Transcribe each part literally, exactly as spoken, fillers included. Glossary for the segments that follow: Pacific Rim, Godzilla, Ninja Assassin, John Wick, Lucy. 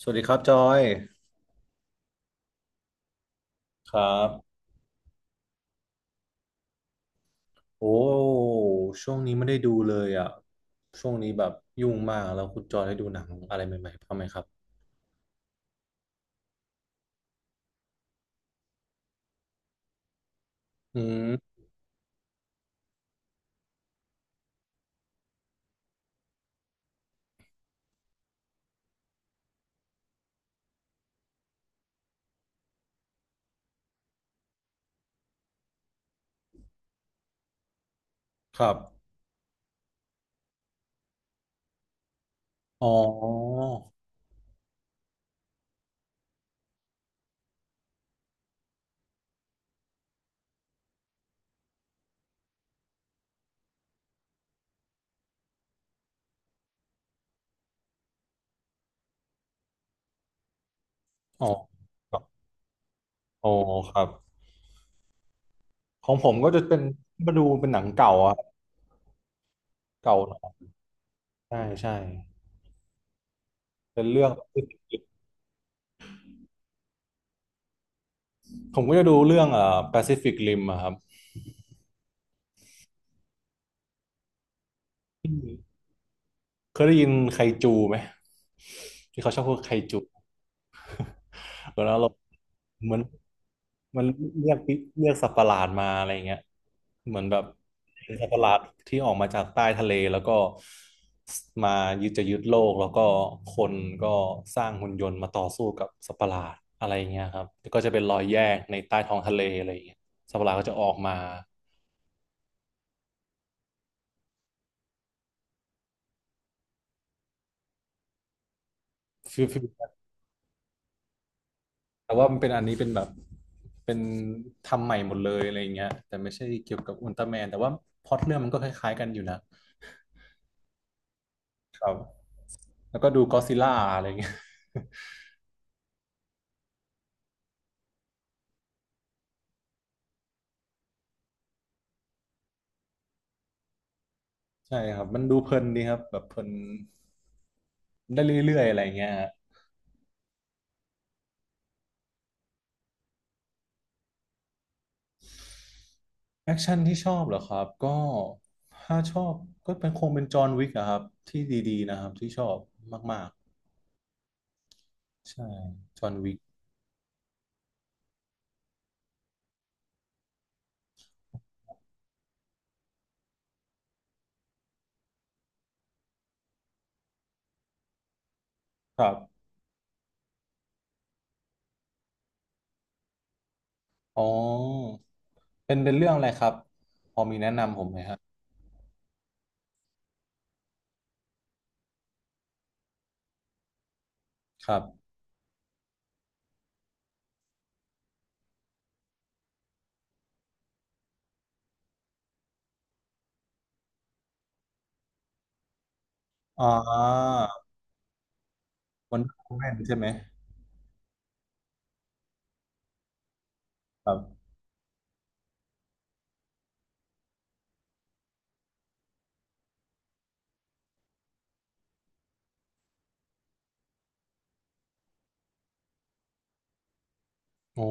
สวัสดีครับจอยครับโอ้ช่วงนี้ไม่ได้ดูเลยอ่ะช่วงนี้แบบยุ่งมากแล้วคุณจอยได้ดูหนังอะไรใหม่ๆบ้างไหมครับอืมครับอ๋ออ๋อครับอ๋อครับของผมก็จะเป็นมาดูเป็นหนังเก่าอ่ะเก่าหน่อยใช่ใช่เป็นเรื่องผมก็จะดูเรื่องเอ่อ Pacific Rim อะครับอืมเคยได้ยินไคจูไหมที่เขาชอบพูดไคจู แล้วเราเหมือนมันเรียกเรียกสัตว์ประหลาดมาอะไรเงี้ยเหมือนแบบเป็นสัตว์ประหลาดที่ออกมาจากใต้ทะเลแล้วก็มายึดจะยึดโลกแล้วก็คนก็สร้างหุ่นยนต์มาต่อสู้กับสัตว์ประหลาดอะไรเงี้ยครับแล้วก็จะเป็นรอยแยกในใต้ท้องทะเลอะไรเงี้ยสัตว์ประหลาดก็จะออกมาฟิวฟิลแต่ว่ามันเป็นอันนี้เป็นแบบเป็นทำใหม่หมดเลยอะไรอย่างเงี้ยแต่ไม่ใช่เกี่ยวกับอุลตร้าแมนแต่ว่าพล็อตเรื่องมันก็คล้ายๆกันอยู่นะครับ แล้วก็ดูก็อดซิลล่าอะไรเงี้ย ใช่ครับมันดูเพลินดีครับแบบเพลินได้เรื่อยๆอะไรเงี้ยแอคชั่นที่ชอบเหรอครับก็ถ้าชอบก็เป็นคงเป็นจอห์นวิกอะครับที่ดีๆนะครับที่ชอบมากๆใช่จอห์นวิกครับอ๋อเป็นเป็นเรื่องอะไรครับพอมีแนะนำผมไหมครับครับอ่าวันแมนใช่ไหมครับอ๋อ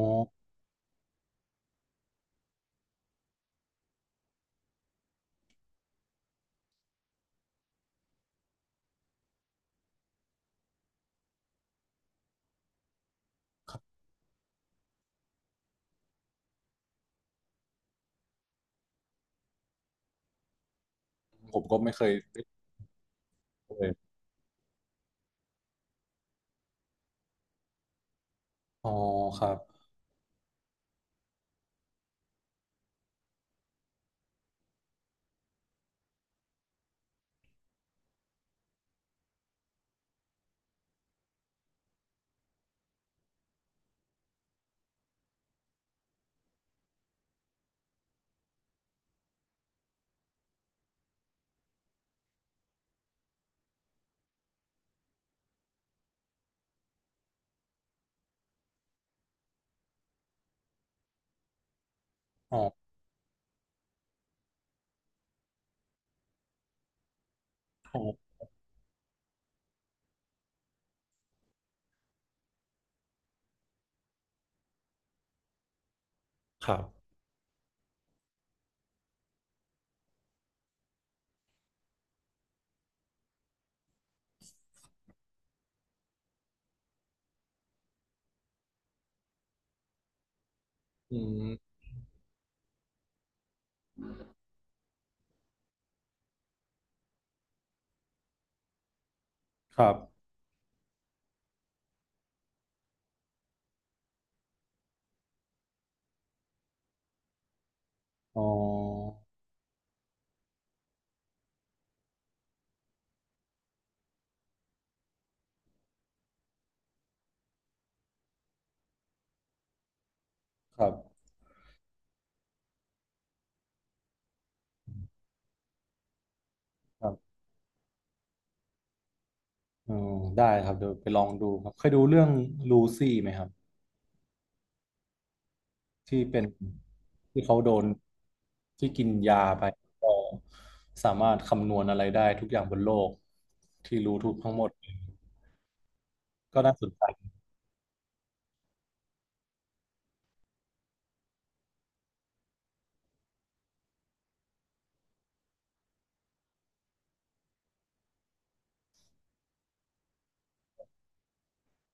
ผมก็ไม่เคยได้ดเลยอ๋อครับอ๋อครับอืมครับ อ๋อ ครับครับอ๋อได้ครับเดี๋ยวไปลองดูครับเคยดูเรื่องลูซี่ไหมครับที่เป็นที่เขาโดนที่กินยาไปก็สามารถคำนวณอะไรได้ทุกอย่างบนโลกที่รู้ทุกทั้งหมดก็น่าสนใจ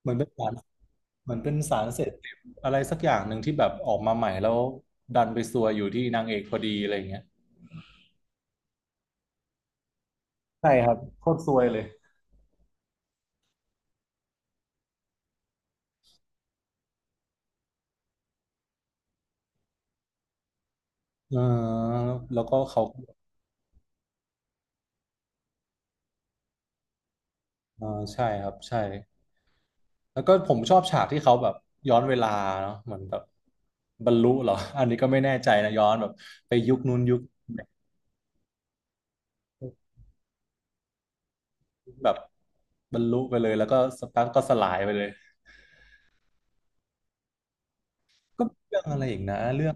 เหมือนเป็นสารเหมือนเป็นสารเสพติดอะไรสักอย่างหนึ่งที่แบบออกมาใหม่แล้วดันไปซวยอยู่ที่นางเอกพอดีอะไรอย่งเงี้ยใช่ครับโคตรซวยเลยเออแล้วก็เขาเออใช่ครับใช่ แล้วก็ผมชอบฉากที่เขาแบบย้อนเวลาเนาะเหมือนแบบบรรลุเหรอ อันนี้ก็ไม่แน่ใจนะย้อนแบบไปยุคนู้นยุคแบบบรรลุไปเลยแล้วก็สักพักก็สลายไปเลยก็มีเรื่องอะไรอีกนะเรื่อง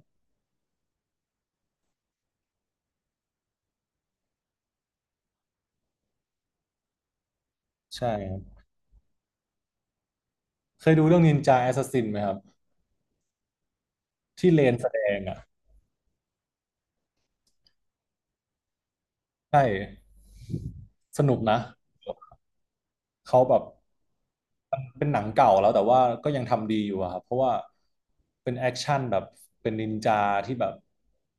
ใช่ครับเคยดูเรื่องนินจาแอสซัสซินไหมครับที่เลนแสดงอ่ะใช่สนุกนะ เขาแบบมันเป็นหนังเก่าแล้วแต่ว่าก็ยังทำดีอยู่อะครับเพราะว่าเป็นแอคชั่นแบบเป็นนินจาที่แบบ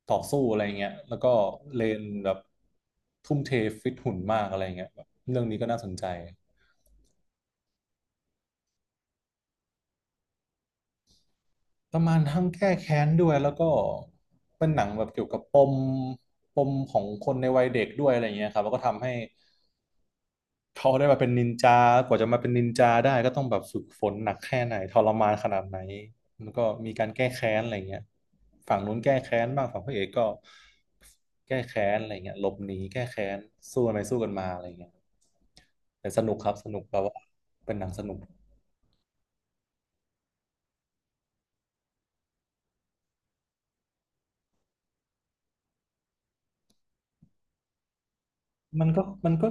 ต่อสู้อะไรเงี้ยแล้วก็เลนแบบทุ่มเทฟิตหุ่นมากอะไรเงี้ยแบบเรื่องนี้ก็น่าสนใจประมาณทั้งแก้แค้นด้วยแล้วก็เป็นหนังแบบเกี่ยวกับปมปมของคนในวัยเด็กด้วยอะไรเงี้ยครับแล้วก็ทำให้ เขาได้มาเป็นนินจากว่าจะมาเป็นนินจาได้ก็ต้องแบบฝึกฝนหนักแค่ไหนทรมานขนาดไหนแล้วก็มีการแก้แค้นอะไรเงี้ยฝั่งนู้นแก้แค้นบ้างฝั่งพระเอกก็แก้แค้นอะไรเงี้ยหลบหนีแก้แค้นสู้กันไปสู้กันมาอะไรเงี้ยแต่สนุกครับสนุกแบบว่าเป็นหนังสนุกมันก็มันก็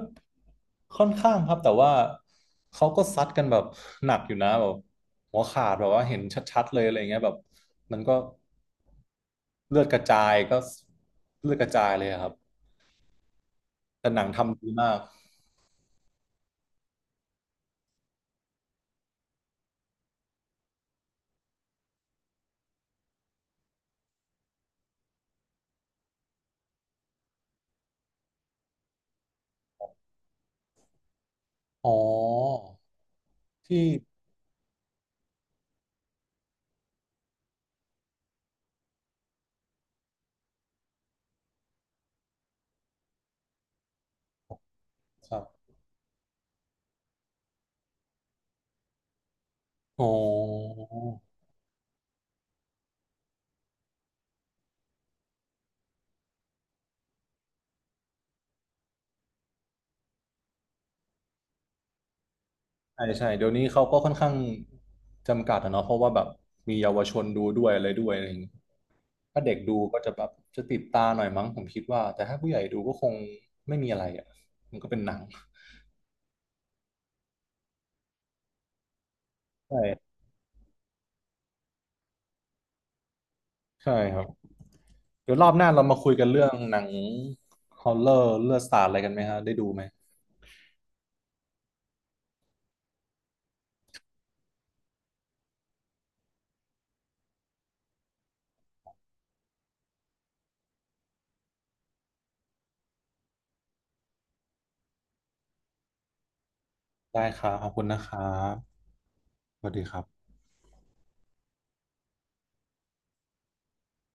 ค่อนข้างครับแต่ว่าเขาก็ซัดกันแบบหนักอยู่นะแบบหัวขาดแบบว่าเห็นชัดๆเลยอะไรเงี้ยแบบมันก็ เลือดกระจายก็เลือดกระจายเลยอะครับแต่หนังทำดีมากอ๋อที่ครับอ๋อใช่ใช่เดี๋ยวนี้เขาก็ค่อนข้างจำกัดอะเนาะเพราะว่าแบบมีเยาวชนดูด้วยอะไรด้วยอะไรอย่างงี้ถ้าเด็กดูก็จะแบบจะติดตาหน่อยมั้งผมคิดว่าแต่ถ้าผู้ใหญ่ดูก็คงไม่มีอะไรอ่ะมันก็เป็นหนังใช่ใช่ครับเดี๋ยวรอบหน้าเรามาคุยกันเรื่องหนังฮอลเลอร์เลือดสาดอะไรกันไหมฮะได้ดูไหมได้ครับขอบคุณนะครับสวัสดีครับ